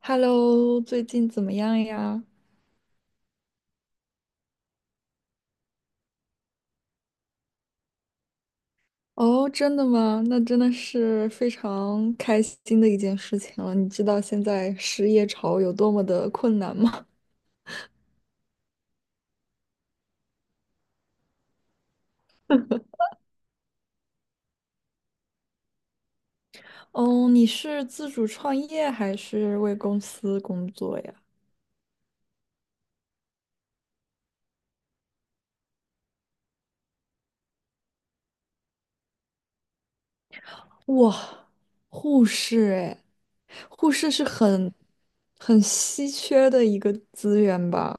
Hello，最近怎么样呀？哦，真的吗？那真的是非常开心的一件事情了。你知道现在失业潮有多么的困难吗？哦，你是自主创业还是为公司工作呀？哇，护士哎，护士是很稀缺的一个资源吧？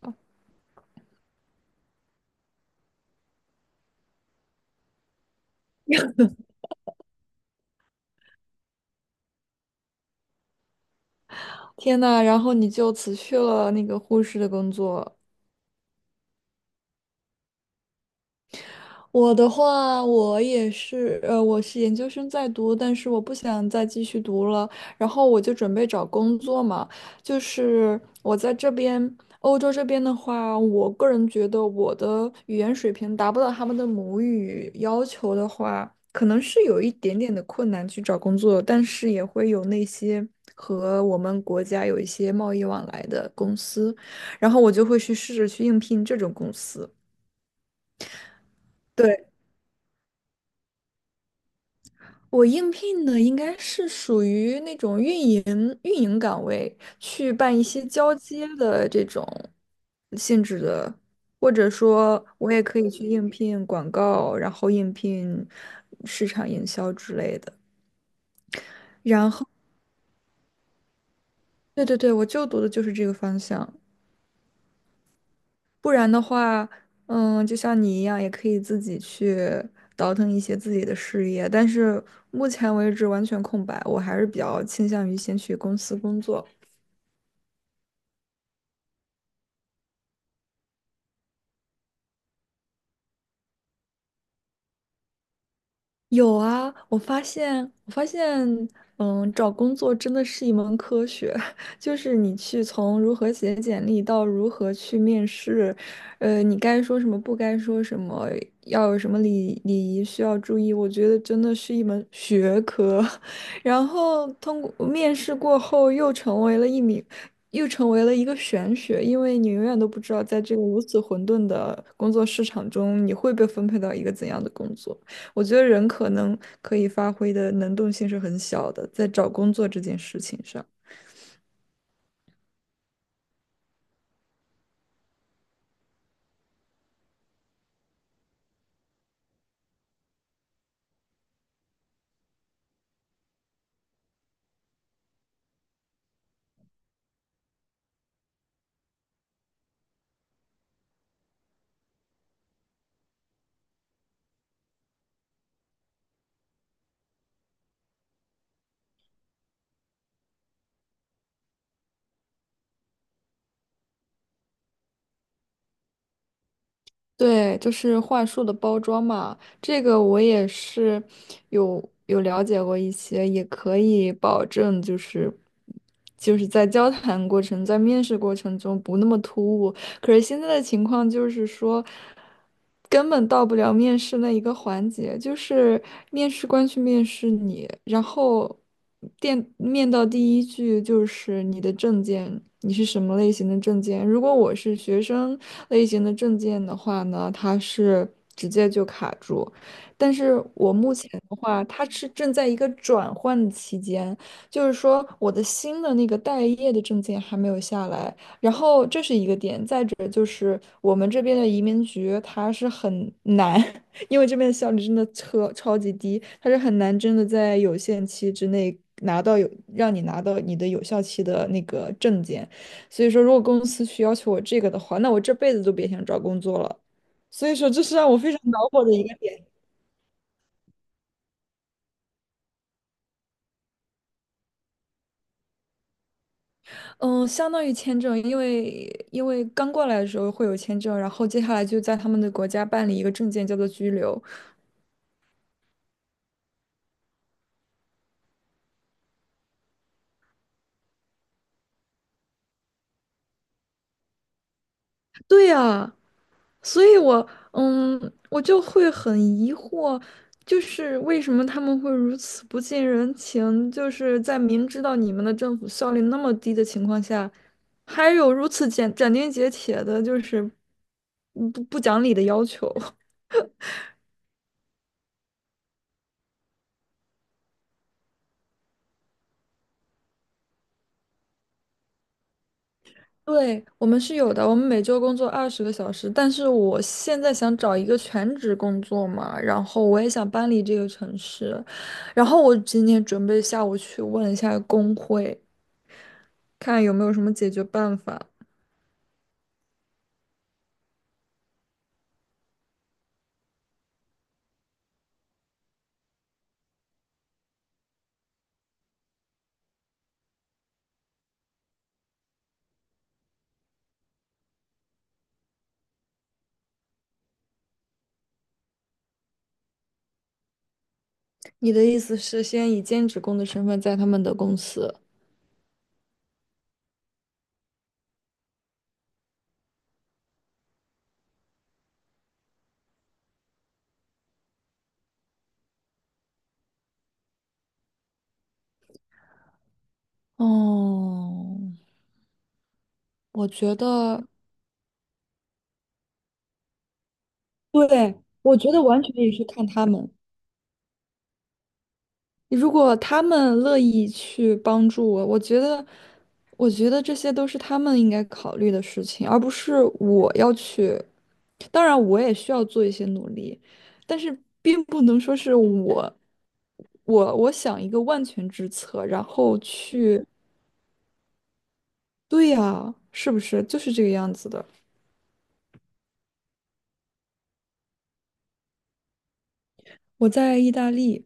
天呐，然后你就辞去了那个护士的工作。我的话，我也是，我是研究生在读，但是我不想再继续读了，然后我就准备找工作嘛。就是我在这边，欧洲这边的话，我个人觉得我的语言水平达不到他们的母语要求的话，可能是有一点点的困难去找工作，但是也会有那些和我们国家有一些贸易往来的公司，然后我就会去试着去应聘这种公司。对。我应聘的应该是属于那种运营岗位，去办一些交接的这种性质的，或者说我也可以去应聘广告，然后应聘市场营销之类的。然后，对，我就读的就是这个方向。不然的话，嗯，就像你一样，也可以自己去倒腾一些自己的事业。但是目前为止完全空白，我还是比较倾向于先去公司工作。有啊，我发现，嗯，找工作真的是一门科学，就是你去从如何写简历到如何去面试，你该说什么，不该说什么，要有什么礼仪需要注意，我觉得真的是一门学科。然后通过面试过后，又成为了一个玄学，因为你永远都不知道在这个如此混沌的工作市场中，你会被分配到一个怎样的工作。我觉得人可能可以发挥的能动性是很小的，在找工作这件事情上。对，就是话术的包装嘛，这个我也是有了解过一些，也可以保证就是在交谈过程、在面试过程中不那么突兀，可是现在的情况就是说，根本到不了面试那一个环节，就是面试官去面试你，然后电面到第一句就是你的证件，你是什么类型的证件？如果我是学生类型的证件的话呢，它是直接就卡住，但是我目前的话，它是正在一个转换期间。就是说我的新的那个待业的证件还没有下来，然后这是一个点，再者就是我们这边的移民局它是很难，因为这边的效率真的超级低，它是很难真的在有限期之内拿到让你拿到你的有效期的那个证件，所以说如果公司去要求我这个的话，那我这辈子都别想找工作了。所以说这是让我非常恼火的一个点。嗯，相当于签证，因为刚过来的时候会有签证，然后接下来就在他们的国家办理一个证件，叫做居留。对呀，所以我，嗯，我就会很疑惑，就是为什么他们会如此不近人情？就是在明知道你们的政府效率那么低的情况下，还有如此斩钉截铁的，就是不讲理的要求。对，我们是有的，我们每周工作20个小时，但是我现在想找一个全职工作嘛，然后我也想搬离这个城市，然后我今天准备下午去问一下工会。看有没有什么解决办法。你的意思是先以兼职工的身份在他们的公司？哦，我觉得，对，我觉得完全也是看他们。如果他们乐意去帮助我，我觉得这些都是他们应该考虑的事情，而不是我要去。当然，我也需要做一些努力，但是并不能说是我，我想一个万全之策，然后去。对呀，是不是就是这个样子的？我在意大利，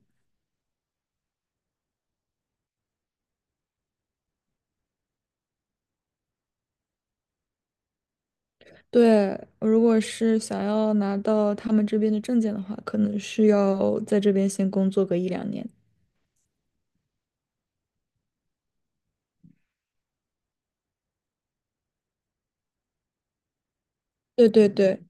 对，如果是想要拿到他们这边的证件的话，可能是要在这边先工作个1到2年。对，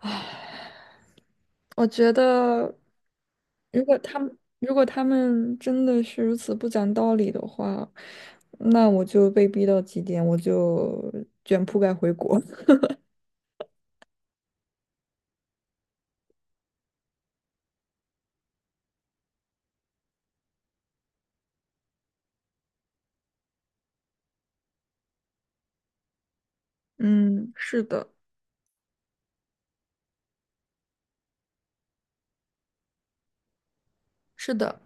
唉，我觉得如果他们真的是如此不讲道理的话，那我就被逼到极点，我就卷铺盖回国。嗯，是的，是的，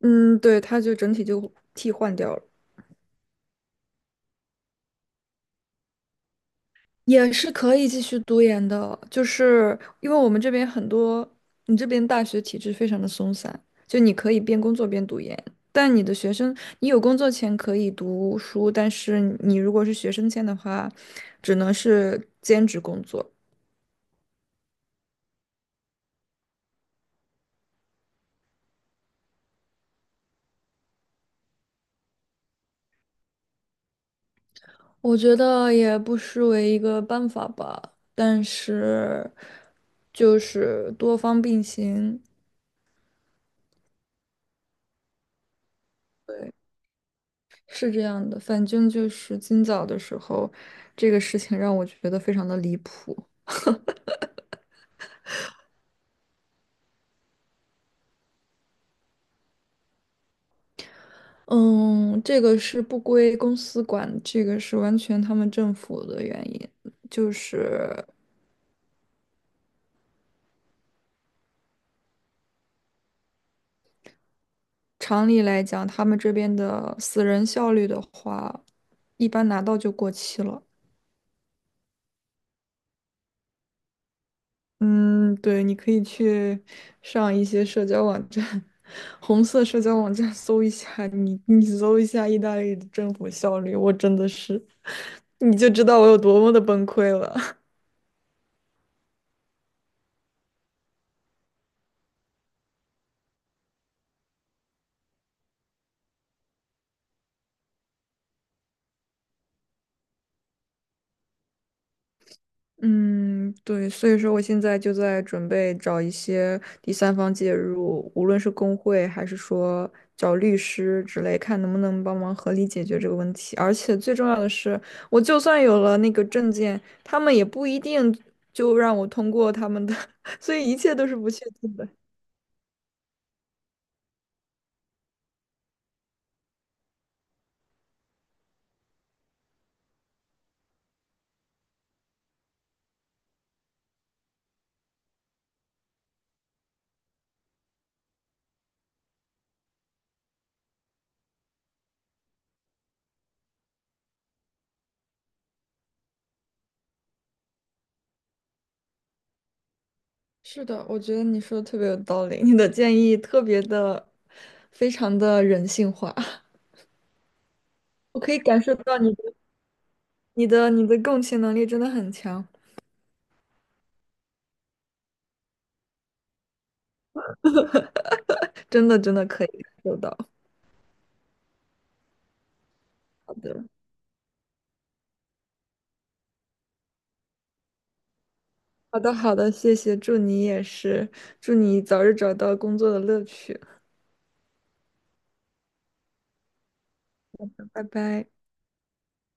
嗯，对，他就整体就替换掉了。也是可以继续读研的，就是因为我们这边很多，你这边大学体制非常的松散，就你可以边工作边读研，但你的学生，你有工作前可以读书，但是你如果是学生签的话，只能是兼职工作。我觉得也不失为一个办法吧，但是就是多方并行。对。是这样的，反正就是今早的时候，这个事情让我觉得非常的离谱。嗯，这个是不归公司管，这个是完全他们政府的原因。就是常理来讲，他们这边的死人效率的话，一般拿到就过期了。嗯，对，你可以去上一些社交网站，红色社交网站搜一下，你搜一下意大利的政府效率，我真的是，你就知道我有多么的崩溃了。嗯，对，所以说我现在就在准备找一些第三方介入，无论是工会还是说找律师之类，看能不能帮忙合理解决这个问题。而且最重要的是，我就算有了那个证件，他们也不一定就让我通过他们的，所以一切都是不确定的。是的，我觉得你说的特别有道理，你的建议特别的，非常的人性化，我可以感受到你的、你的、你的共情能力真的很强。真的真的可以感受到。好的，好的，谢谢，祝你也是，祝你早日找到工作的乐趣，拜拜。